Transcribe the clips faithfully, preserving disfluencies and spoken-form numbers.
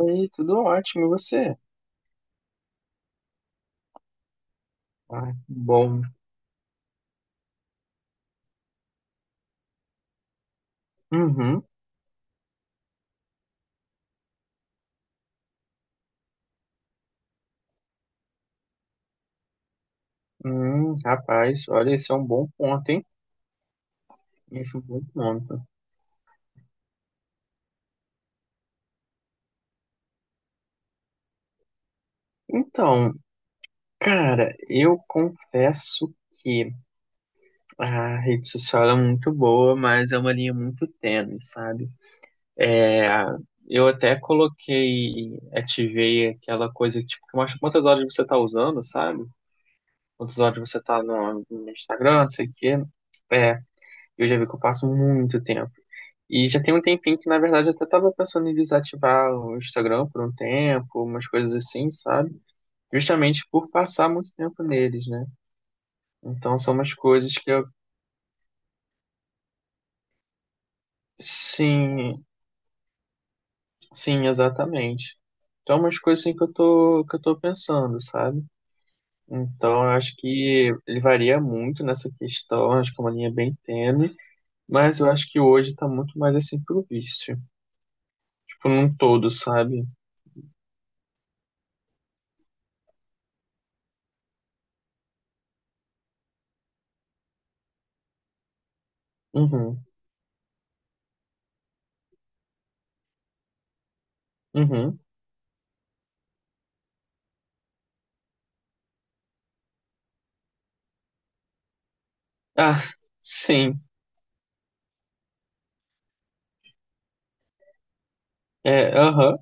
Oi, tudo ótimo, e você? Ah, que bom. Uhum. Hum, rapaz, olha, esse é um bom ponto, hein? Esse é um bom ponto. Então, cara, eu confesso que a rede social é muito boa, mas é uma linha muito tênue, sabe? É, eu até coloquei, ativei aquela coisa tipo, que mostra quantas horas você tá usando, sabe? Quantas horas você tá no, no Instagram, não sei o quê. É, eu já vi que eu passo muito tempo. E já tem um tempinho que, na verdade, eu até tava pensando em desativar o Instagram por um tempo, umas coisas assim, sabe? Justamente por passar muito tempo neles, né? Então são umas coisas que eu. Sim, sim, exatamente. Então, é umas coisas assim que eu tô, que eu tô pensando, sabe? Então, eu acho que ele varia muito nessa questão, acho que é uma linha bem tênue, mas eu acho que hoje tá muito mais assim pro vício, tipo, num todo, sabe? Uhum, uhum. Ah, sim. É, aham.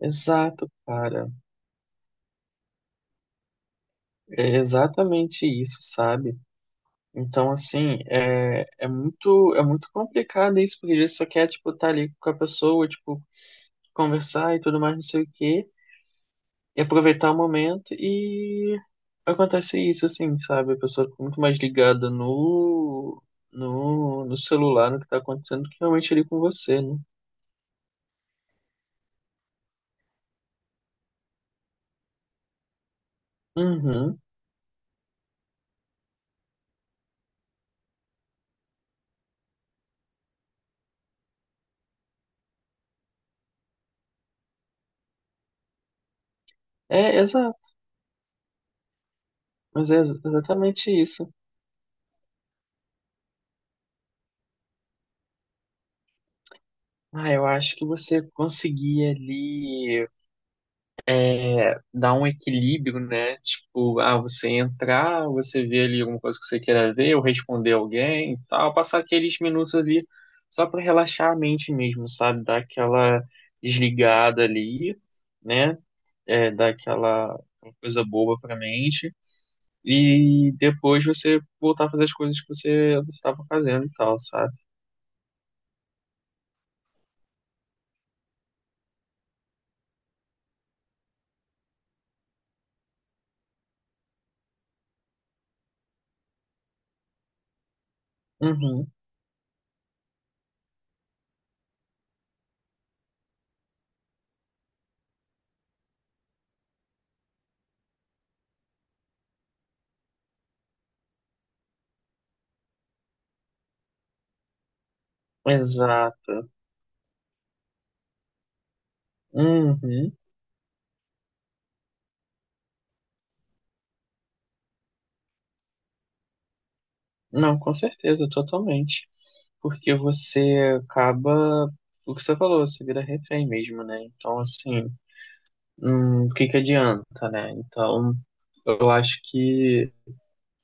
Exato, cara. É exatamente isso, sabe? Então, assim, é, é muito, é muito complicado isso, porque ele só quer, tipo, estar ali com a pessoa, tipo, conversar e tudo mais, não sei o quê, e aproveitar o momento, e acontece isso, assim, sabe? A pessoa fica muito mais ligada no, no, no celular, no que tá acontecendo, do que realmente ali com você, né? Uhum. É, exato. Mas é exatamente isso. Ah, eu acho que você conseguia ali é, dar um equilíbrio, né? Tipo, ah, você entrar, você vê ali alguma coisa que você queira ver, ou responder alguém e tal, passar aqueles minutos ali só pra relaxar a mente mesmo, sabe? Dar aquela desligada ali, né? É, dar aquela aquela coisa boba pra mente, e depois você voltar a fazer as coisas que você estava fazendo e tal, sabe? Uhum, exato. Uhum. Não, com certeza, totalmente. Porque você acaba, o que você falou, você vira refém mesmo, né? Então, assim, hum, o que que adianta, né? Então, eu acho que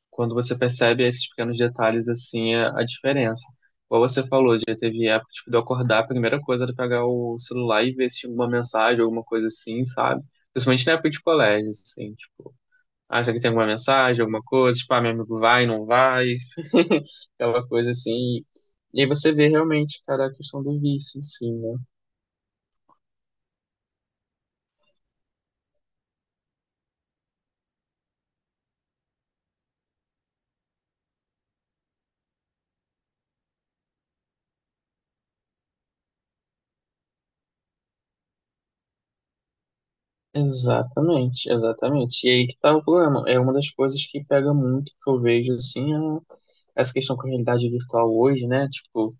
quando você percebe esses pequenos detalhes, assim, é a diferença. Como você falou, já teve época, tipo, de eu acordar, a primeira coisa era pegar o celular e ver se tinha alguma mensagem, alguma coisa assim, sabe? Principalmente na época de colégio, assim, tipo acha que tem alguma mensagem, alguma coisa, tipo, ah, meu amigo vai, não vai, aquela coisa assim. E aí você vê realmente, cara, a questão do vício, sim, né? Exatamente, exatamente. E aí que tá o problema. É uma das coisas que pega muito que eu vejo, assim, a- essa questão com a realidade virtual hoje, né? Tipo,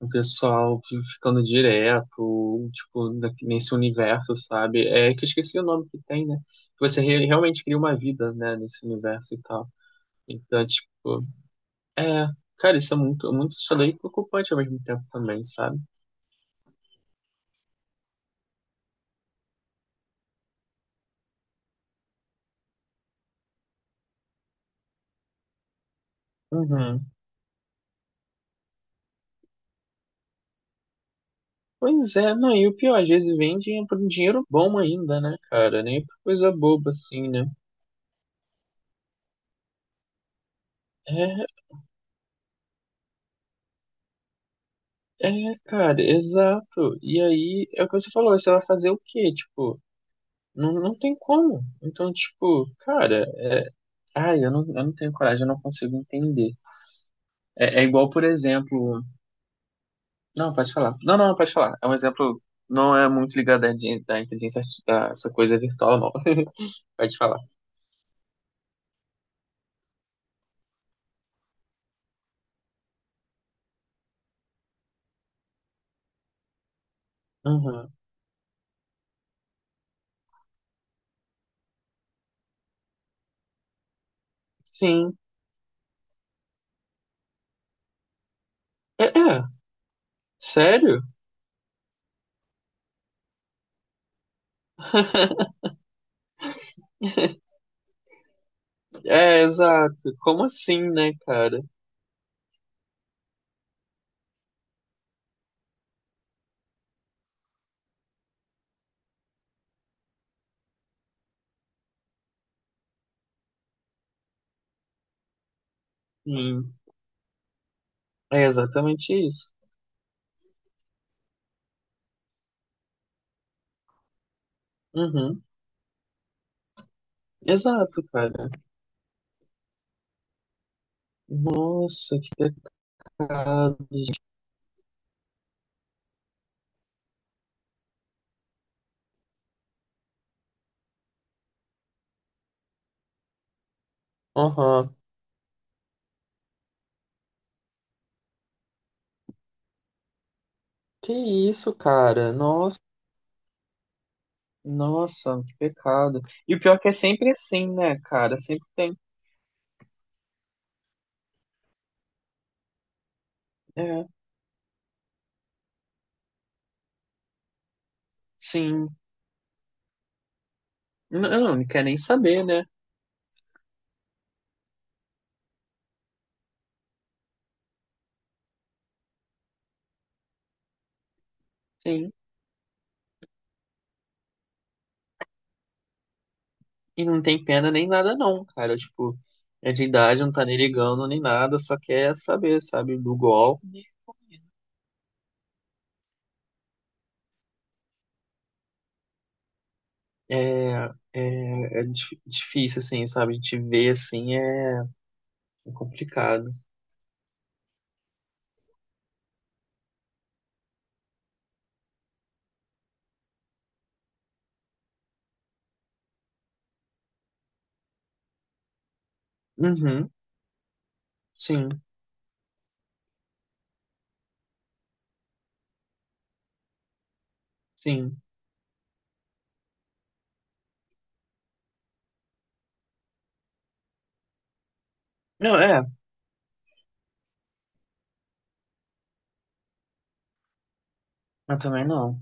o pessoal ficando direto, tipo, na- nesse universo, sabe? É que eu esqueci o nome que tem, né? Que você re- realmente cria uma vida, né, nesse universo e tal. Então, tipo, é, cara, isso é muito, muito estranho e preocupante ao mesmo tempo também, sabe? Uhum. Pois é, não, e o pior, às vezes vendem é por um dinheiro bom ainda, né, cara? Nem por coisa boba assim, né? É, é, cara, exato. E aí, é o que você falou, você vai fazer o quê? Tipo, não, não tem como. Então, tipo, cara, ai, eu não, eu não tenho coragem, eu não consigo entender. É, é igual, por exemplo. Não, pode falar. Não, não, pode falar. É um exemplo, não é muito ligado à, di- à inteligência, arti- a essa coisa virtual, não. Pode falar. Aham. Sim. É, é. Sério? É, exato. Como assim, né, cara? Sim. É exatamente isso. Uhum. Exato, cara. Nossa, que pecado. Aham. Que isso, cara? Nossa, nossa, que pecado. E o pior é que é sempre assim, né, cara? Sempre tem. É, sim. Não, não quer nem saber, né? Sim. E não tem pena nem nada não, cara. Tipo, é de idade, não tá nem ligando nem nada, só quer saber, sabe, do golpe. É, é, é dif- difícil, assim, sabe? A gente vê, assim, é complicado. Uhum, sim, sim. Não, é, eu também não.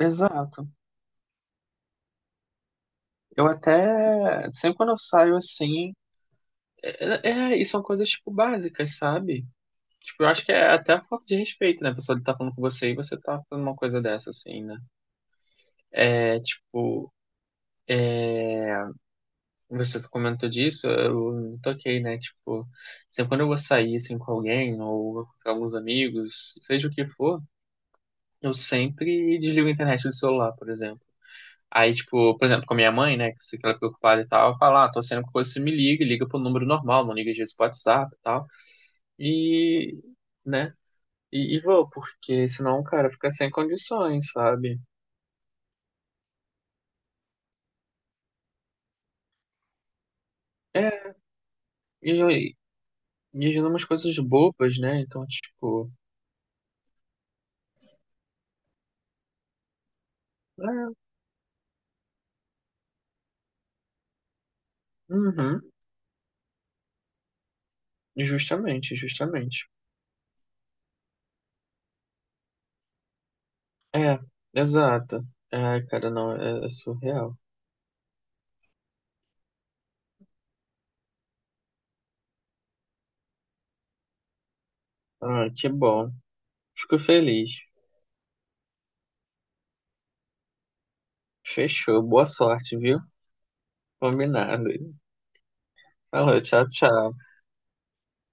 Exato. Eu até, sempre quando eu saio, assim, é, é, e são coisas, tipo, básicas, sabe? Tipo, eu acho que é até a falta de respeito, né? A pessoa tá falando com você e você tá falando uma coisa dessa, assim, né? É, tipo, você comentou disso, eu me toquei, né? Tipo, sempre quando eu vou sair assim com alguém ou com alguns amigos, seja o que for, eu sempre desligo a internet do celular, por exemplo. Aí, tipo, por exemplo, com a minha mãe, né, que se- ela é preocupada e tal, eu falo, ah, tô sendo que você me liga, e liga pro número normal, não liga às vezes pro WhatsApp e tal. E, né, e, e vou, porque senão, cara, fica sem condições, sabe? É, e, e, e às vezes umas coisas bobas, né, então, tipo, é, uhum. Justamente, justamente. É, exato. Ai, cara, não, é, é surreal. Ah, que bom. Fico feliz. Fechou. Boa sorte, viu? Combinado. Falou, tchau, tchau.